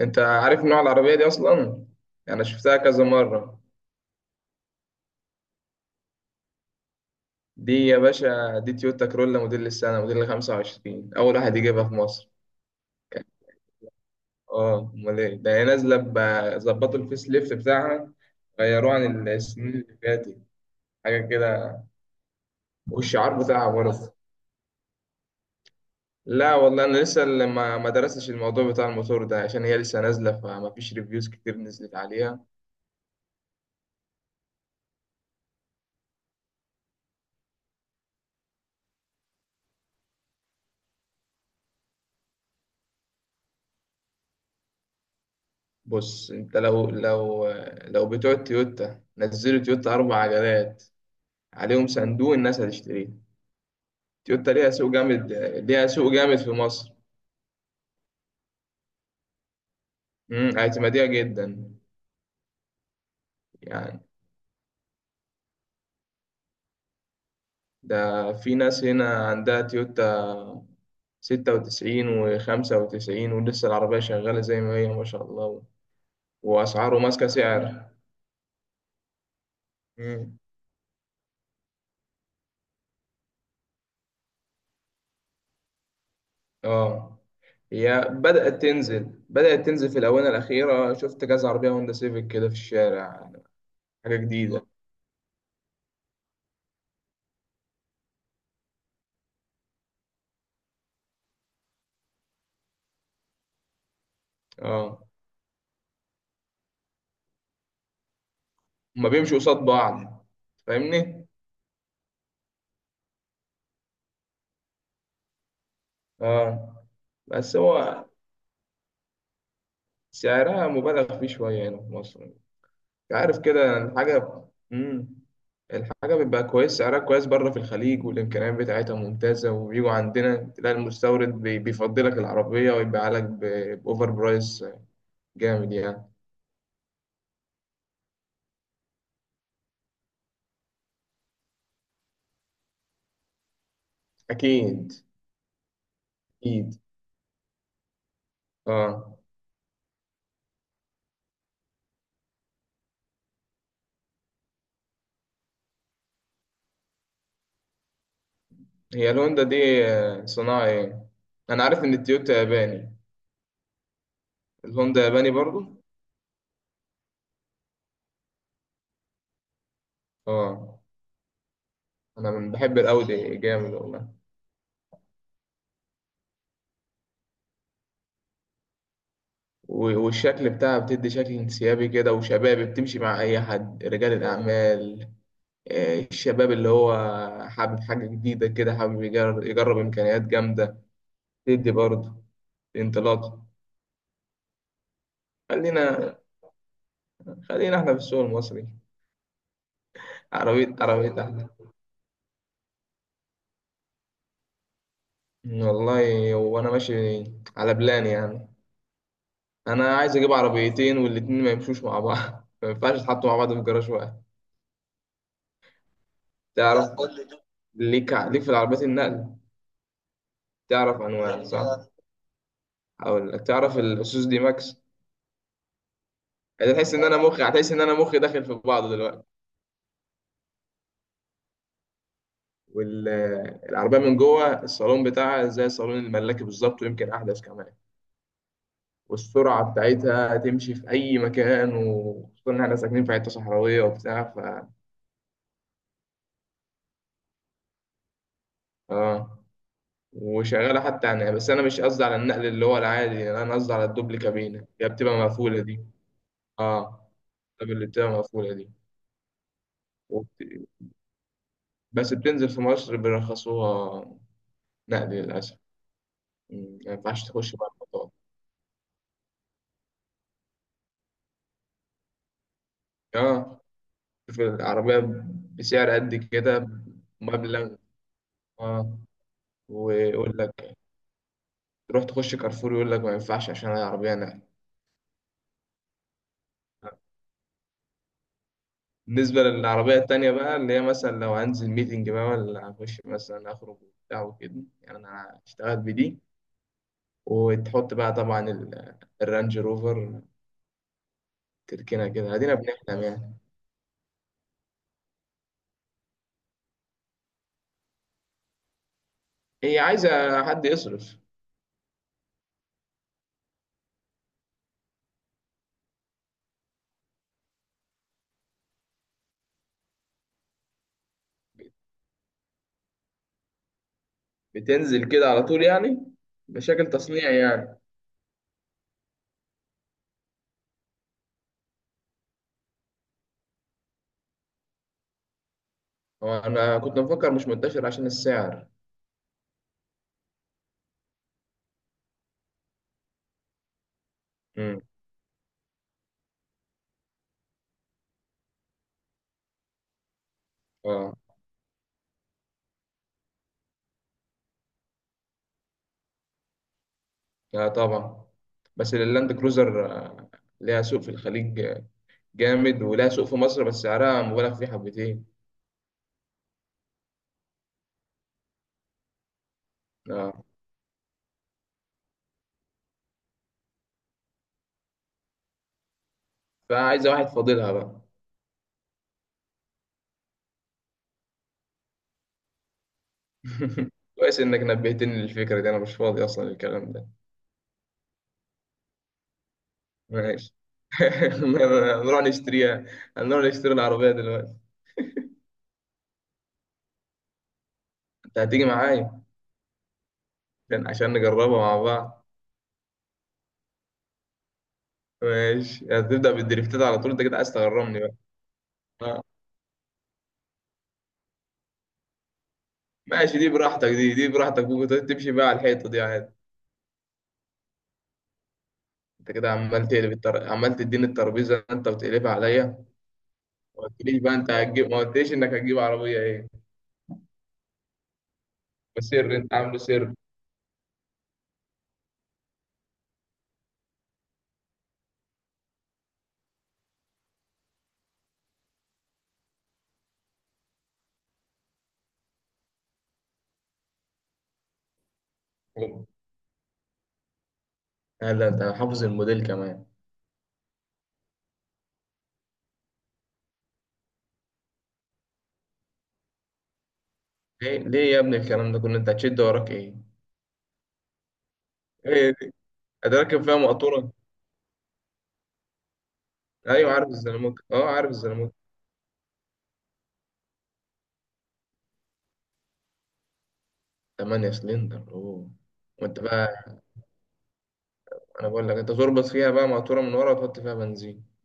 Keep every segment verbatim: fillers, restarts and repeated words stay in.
انت عارف نوع العربية دي اصلا؟ انا شفتها كذا مرة. دي يا باشا، دي تويوتا كرولا موديل السنة، موديل خمسة وعشرين، اول واحد يجيبها في مصر. اه، امال ايه ده، هي نازلة ب- ظبطوا الفيس ليفت بتاعها، غيروه عن السنين اللي فاتت، حاجة كده، والشعار بتاعها برضه. لا والله، انا لسه اللي ما ما درستش الموضوع بتاع الموتور ده عشان هي لسه نازلة، فما فيش ريفيوز كتير نزلت عليها. بص انت، لو لو لو بتوع تويوتا نزلوا تويوتا اربع عجلات عليهم صندوق، الناس هتشتريها. تويوتا ليها سوق جامد، ليها سوق جامد في مصر. امم اعتمادية جدا. يعني ده في ناس هنا عندها تويوتا ستة وتسعين وخمسة وتسعين، ولسه العربية شغالة زي ما هي، ما شاء الله. وأسعاره ماسكة سعر. امم. اه، هي بدأت تنزل، بدأت تنزل في الآونة الأخيرة، شفت كذا عربية هوندا سيفيك كده في الشارع، حاجة جديدة. اه، هما بيمشوا قصاد بعض، فاهمني؟ اه، بس هو سعرها مبالغ فيه شوية هنا في مصر، أنت عارف كده الحاجة. مم. الحاجة بيبقى كويس سعرها كويس بره في الخليج، والإمكانيات بتاعتها ممتازة، وبيجوا عندنا تلاقي المستورد بي- بيفضلك العربية ويبيعها لك ب- بأوفر برايس، جامد يعني. أكيد أكيد. آه. هي الهوندا دي آه، صناعة إيه؟ أنا عارف إن التويوتا ياباني. الهوندا ياباني برضو. آه. أنا من- بحب الأودي جامد والله، و- والشكل بتاعها بتدي شكل انسيابي كده وشبابي، بتمشي مع أي حد، رجال الأعمال. آه، الشباب اللي هو حابب حاجة جديدة كده، حابب يجرب, يجرب إمكانيات جامدة، تدي برضه انطلاق. خلينا خلينا احنا في السوق المصري، عربية عربية احلى. والله، وأنا ماشي على بلان يعني. أنا عايز أجيب عربيتين والاتنين ما يمشوش مع بعض ما ينفعش يتحطوا مع بعض في جراج واحد. تعرف، ليك ليك في العربيات النقل، تعرف أنواع صح؟ هقول لك، تعرف الاصوص دي ماكس. هتحس ان انا مخي هتحس ان انا مخي داخل في بعضه دلوقتي. والعربيه من جوه الصالون بتاعها زي صالون الملاكي بالظبط، ويمكن احدث كمان. والسرعه بتاعتها تمشي في اي مكان، وخصوصا ان احنا ساكنين في حته صحراويه وبتاع، ف اه، وشغاله حتى يعني. بس انا مش قصدي على النقل اللي هو العادي، يعني انا قصدي على الدوبل كابينه، هي بتبقى مقفوله دي. اه، طب اللي بتبقى مقفوله دي وبت... بس بتنزل في مصر، بيرخصوها نقل للاسف. مم. ما ينفعش تخش بقى المطار. اه، شوف العربية بسعر قد كده، مبلغ. اه، ويقول لك تروح تخش كارفور، يقول لك ما ينفعش عشان العربية نقل. بالنسبة للعربية التانية بقى، اللي هي مثلا لو هنزل ميتنج بقى، ولا هخش مثلا أخرج وبتاع وكده، يعني أنا اشتغلت بدي، وتحط بقى طبعا ال- الرانج روفر، تركينة كده، أدينا بنحلم يعني. هي عايزة حد يصرف. بتنزل كده على طول يعني، مشاكل تصنيع يعني. هو انا كنت مفكر مش منتشر عشان السعر. امم. اه. لا طبعا. بس اللاند كروزر آه، ليها سوق في الخليج آه، جامد، ولها سوق في مصر، بس سعرها مبالغ فيه حبتين. اه، فعايزه واحد فاضلها بقى. كويس انك نبهتني للفكره دي، انا مش فاضي اصلا للكلام ده. ماشي. نروح نشتريها، هنروح نشتري العربيه دلوقتي. انت هتيجي معايا عشان عشان نجربها مع بعض. ماشي، هتبدا بالدريفتات على طول، انت كده عايز تغرمني بقى. ماشي، دي براحتك، دي دي براحتك، ممكن تمشي بقى على الحيطه دي عادي. انت كده عمال تقلب التر... عمال تديني الترابيزه انت وتقلبها عليا. ما قلتليش بقى انت هتجيب ما قلتليش انك هتجيب عربيه ايه؟ وسر، انت عامله سر. لا لا، انت حافظ الموديل كمان؟ ليه، ليه يا ابني الكلام ده كله، انت هتشد وراك ايه؟ ايه دي، أنا راكب فيها مقطوره. ايوه عارف الزلموت، اه، عارف الزلموت. 8 سلندر، اوه. وانت بقى، انا بقول لك انت تربط فيها بقى مقطوره من ورا وتحط فيها بنزين،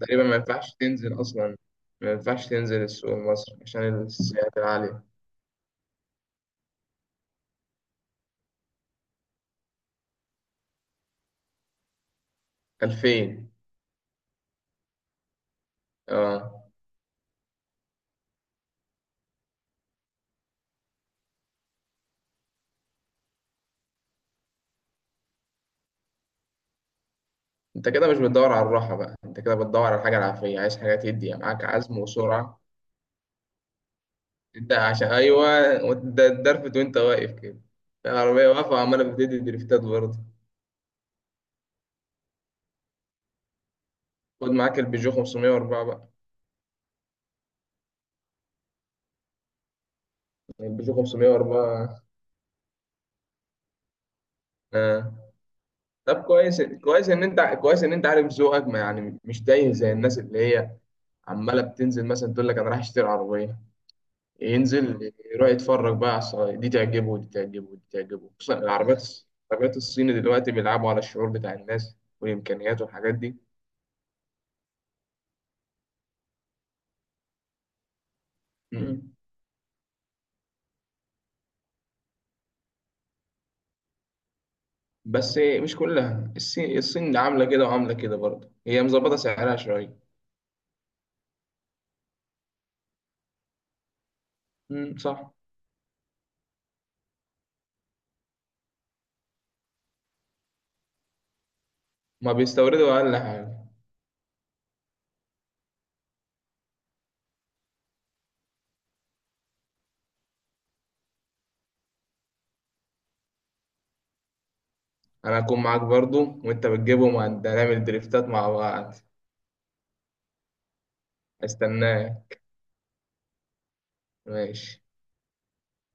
تقريبا ما ينفعش تنزل أصلا، ما ينفعش تنزل السوق مصر عشان السعرات العالية. الفين. اه، انت كده مش بتدور على الراحة بقى، انت كده بتدور على حاجة العافية، عايز حاجة تدي يعني معاك عزم وسرعة. انت عشان ايوه وت- الدرفت وانت واقف كده، العربية واقفة وعمالة بتدي دريفتات برضه. خد معاك البيجو خمسمية واربعة بقى، البيجو خمسمية واربعة. اه، طب كويس، كويس ان انت كويس ان انت عارف ذوقك، ما يعني مش تايه زي الناس اللي هي عماله بتنزل مثلا تقول لك انا رايح اشتري عربيه، ينزل يروح يتفرج بقى على الصغير، دي تعجبه، ودي تعجبه، ودي تعجبه، خصوصا العربيات. العربيات الصيني دلوقتي بيلعبوا على الشعور بتاع الناس والإمكانيات والحاجات دي. مم. بس مش كلها، الصين الصين عاملة كده وعاملة كده برضه، هي مظبطة سعرها شوية. مم، صح. ما بيستوردوا أقل حاجة. أنا هكون معاك برضه، وأنت بتجيبهم وهنعمل دريفتات مع بعض. استناك. ماشي